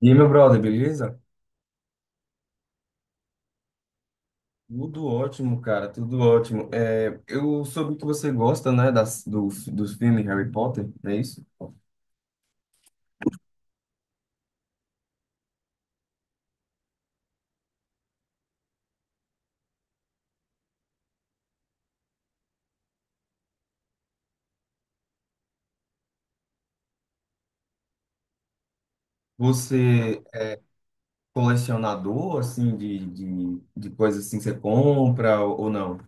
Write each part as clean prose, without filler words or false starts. E aí, meu brother, beleza? Tudo ótimo, cara, tudo ótimo. Eu soube que você gosta, né, dos filmes Harry Potter, não é isso? Você é colecionador, assim, de coisas assim, você compra ou não?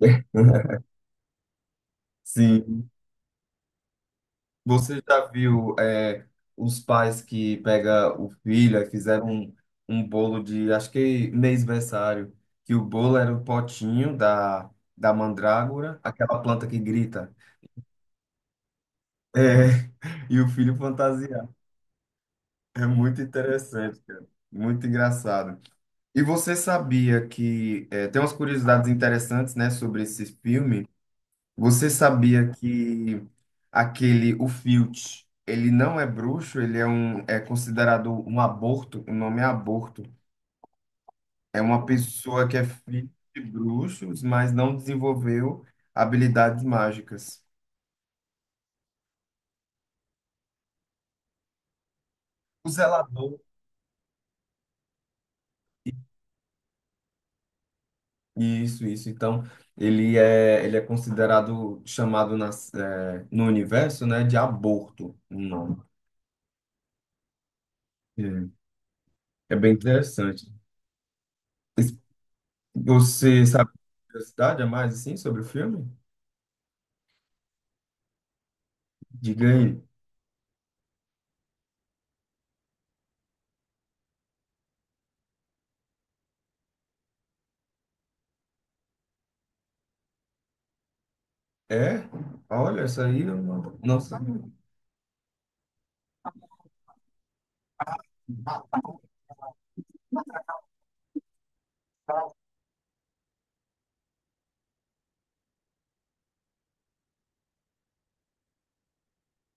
Sim. Você já viu, os pais que pega o filho e fizeram um bolo de, acho que mêsversário, que o bolo era o potinho da mandrágora, aquela planta que grita. É, e o filho fantasiado. É muito interessante, cara. Muito engraçado. E você sabia que. Tem umas curiosidades interessantes, né, sobre esse filme. Você sabia que aquele, o Filch, ele não é bruxo, é considerado um aborto, o nome é aborto. É uma pessoa que é filho de bruxos, mas não desenvolveu habilidades mágicas. O zelador. Isso, isso. Então, ele é considerado, chamado no universo, né, de aborto, o nome. É, é bem interessante. Es- Você sabe curiosidade a mais, assim, sobre o filme? Diga aí. É? Olha, essa aí eu não sabia.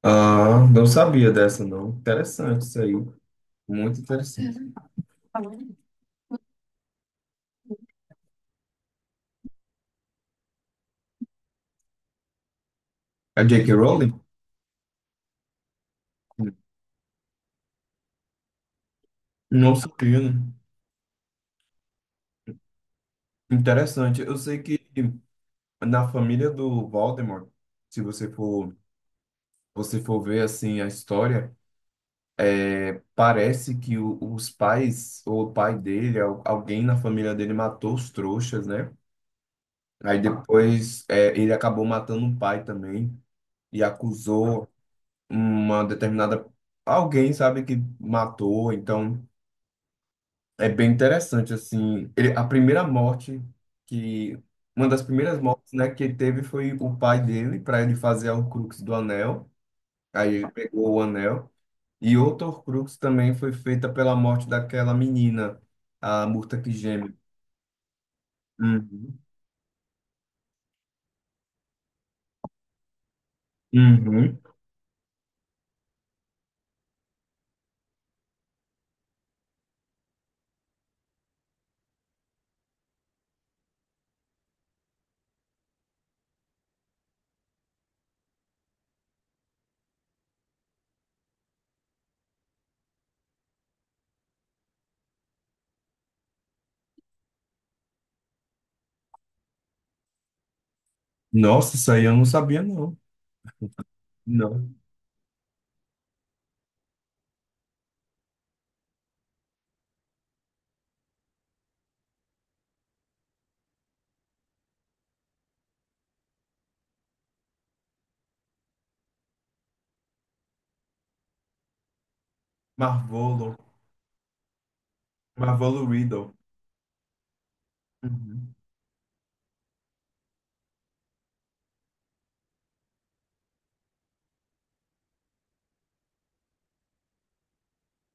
Ah, não sabia dessa, não. Interessante isso aí. Muito interessante. É J.K. Rowling? Não sabia, né? Interessante. Eu sei que na família do Voldemort, se você for você for ver assim a história, parece que os pais ou o pai dele, alguém na família dele matou os trouxas, né? Aí depois ele acabou matando o pai também e acusou uma determinada alguém, sabe, que matou. Então é bem interessante assim. Ele, a primeira morte que Uma das primeiras mortes, né, que ele teve foi o pai dele para ele fazer o Crux do Anel. Aí ele pegou o anel. E outro Horcrux também foi feita pela morte daquela menina, a Murta que geme. Uhum. Uhum. Nossa, isso aí eu não sabia, não. Não. Marvolo. Marvolo Riddle. Uhum.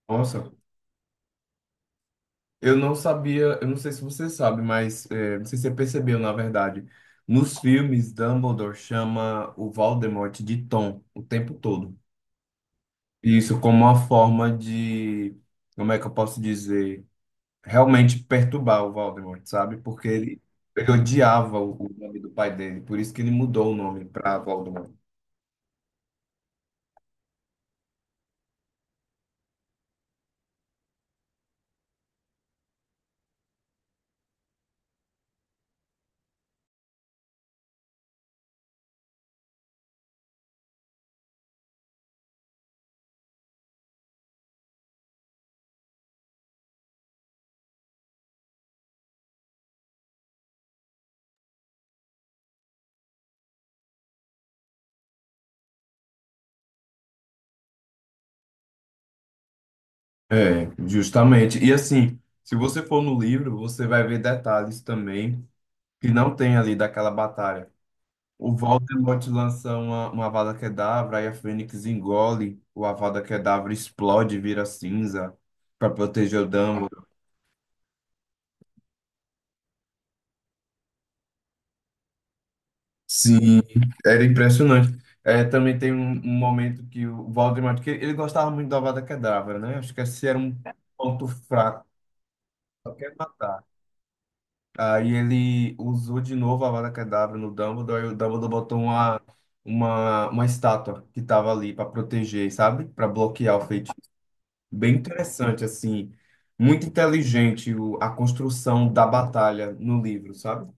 Nossa, eu não sabia, eu não sei se você sabe, mas é, não sei se você percebeu, na verdade. Nos filmes, Dumbledore chama o Voldemort de Tom o tempo todo. E isso como uma forma de, como é que eu posso dizer? Realmente perturbar o Voldemort, sabe? Ele odiava o nome do pai dele, por isso que ele mudou o nome para Voldemort. É, justamente. E assim, se você for no livro, você vai ver detalhes também que não tem ali daquela batalha. O Voldemort lança uma Avada Kedavra, aí a Fênix engole, o Avada Kedavra explode, vira cinza para proteger o Dumbledore. Sim, era impressionante. É, também tem um momento que o Valdemar, que ele gostava muito do Avada Kedavra, né? Acho que esse era um ponto fraco, só quer matar. Aí ele usou de novo a Avada Kedavra no Dumbledore, e o Dumbledore botou uma estátua que estava ali para proteger, sabe? Para bloquear o feitiço. Bem interessante, assim. Muito inteligente a construção da batalha no livro, sabe?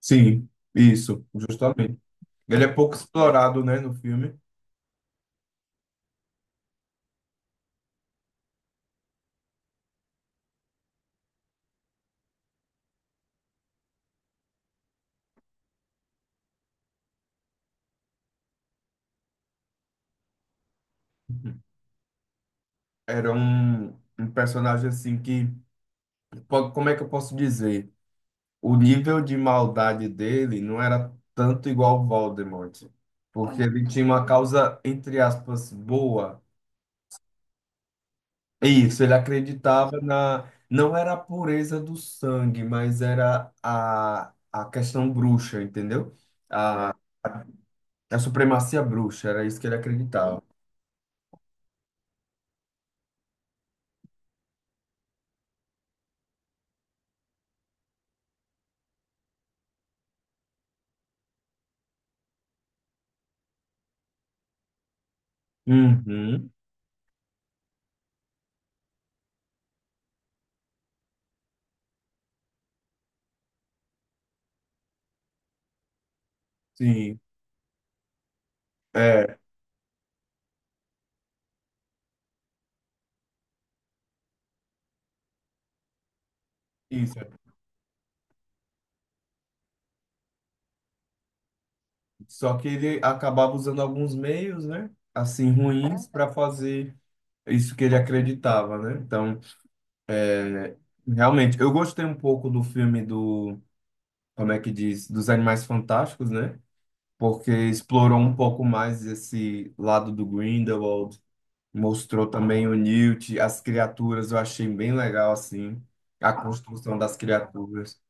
Sim, isso, justamente. Ele é pouco explorado, né, no filme. Era um personagem assim que, como é que eu posso dizer? O nível de maldade dele não era tanto igual ao Voldemort, porque ele tinha uma causa, entre aspas, boa. É isso, ele acreditava na. Não era a pureza do sangue, mas era a questão bruxa, entendeu? A, a supremacia bruxa, era isso que ele acreditava. Uhum, sim, é, isso. Só que ele acabava usando alguns meios, né? Assim, ruins para fazer isso que ele acreditava, né? Então, realmente, eu gostei um pouco do filme do, como é que diz, dos Animais Fantásticos, né? Porque explorou um pouco mais esse lado do Grindelwald, mostrou também o Newt, as criaturas, eu achei bem legal, assim, a construção das criaturas.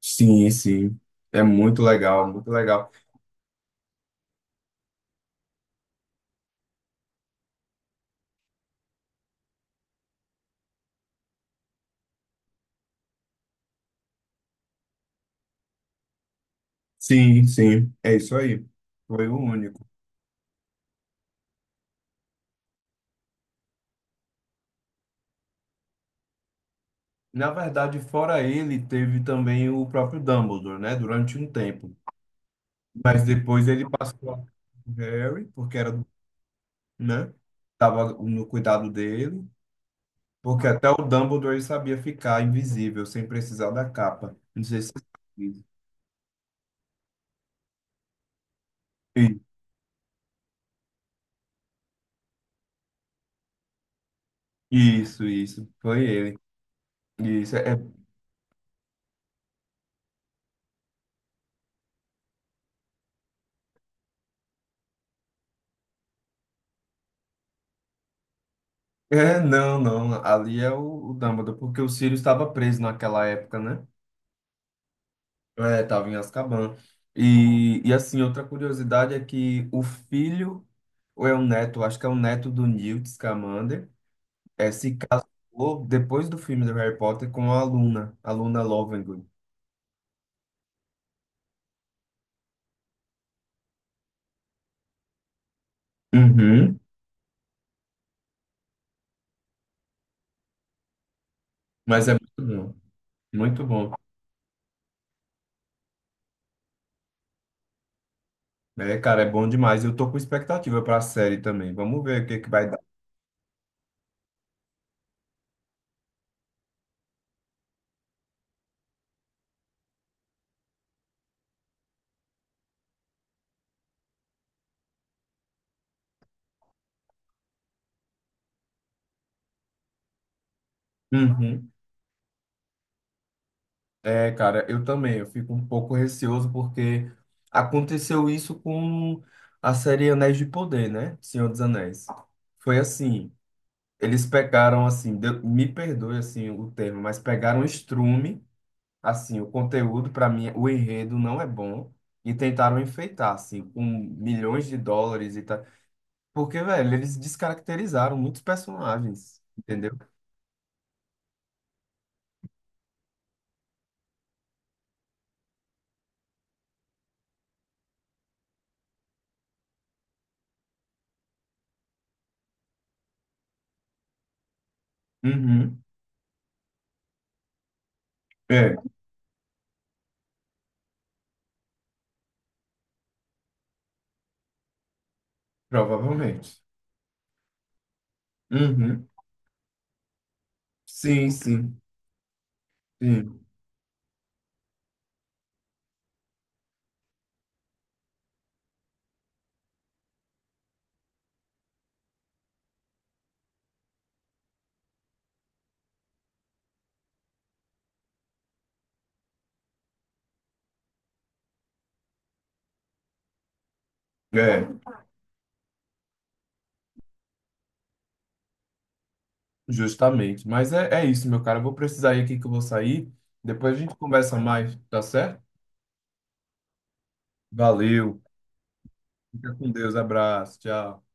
Sim, sim. É muito legal, muito legal. Sim, sim. É isso aí. Foi o único. Na verdade, fora ele, teve também o próprio Dumbledore, né? Durante um tempo. Mas depois ele passou a Harry, porque era, né? Tava no cuidado dele. Porque até o Dumbledore ele sabia ficar invisível, sem precisar da capa. Não sei se você sabe isso. Isso, isso. Foi ele. Isso. É, é, não. Ali é o Dumbledore, porque o Sirius estava preso naquela época, né? É, tava em Azkaban. E assim, outra curiosidade é que o filho, ou é o neto, acho que é o neto do Newt Scamander, é, se casou depois do filme do Harry Potter com a Luna Lovegood. Uhum. Mas é muito bom, muito bom. É, cara, é bom demais. Eu tô com expectativa pra série também. Vamos ver o que que vai dar. Uhum. É, cara, eu também. Eu fico um pouco receoso porque aconteceu isso com a série Anéis de Poder, né? Senhor dos Anéis. Foi assim, deu- me perdoe assim o termo, mas pegaram o estrume, assim, o conteúdo para mim, o enredo não é bom e tentaram enfeitar assim com milhões de dólares e tal. Porque, velho, eles descaracterizaram muitos personagens, entendeu? Uhum. É, provavelmente. Uhum. Sim, sim. Sim. É, justamente. Mas é, é isso, meu cara. Eu vou precisar ir aqui que eu vou sair. Depois a gente conversa mais, tá certo? Valeu. Fica com Deus. Abraço. Tchau.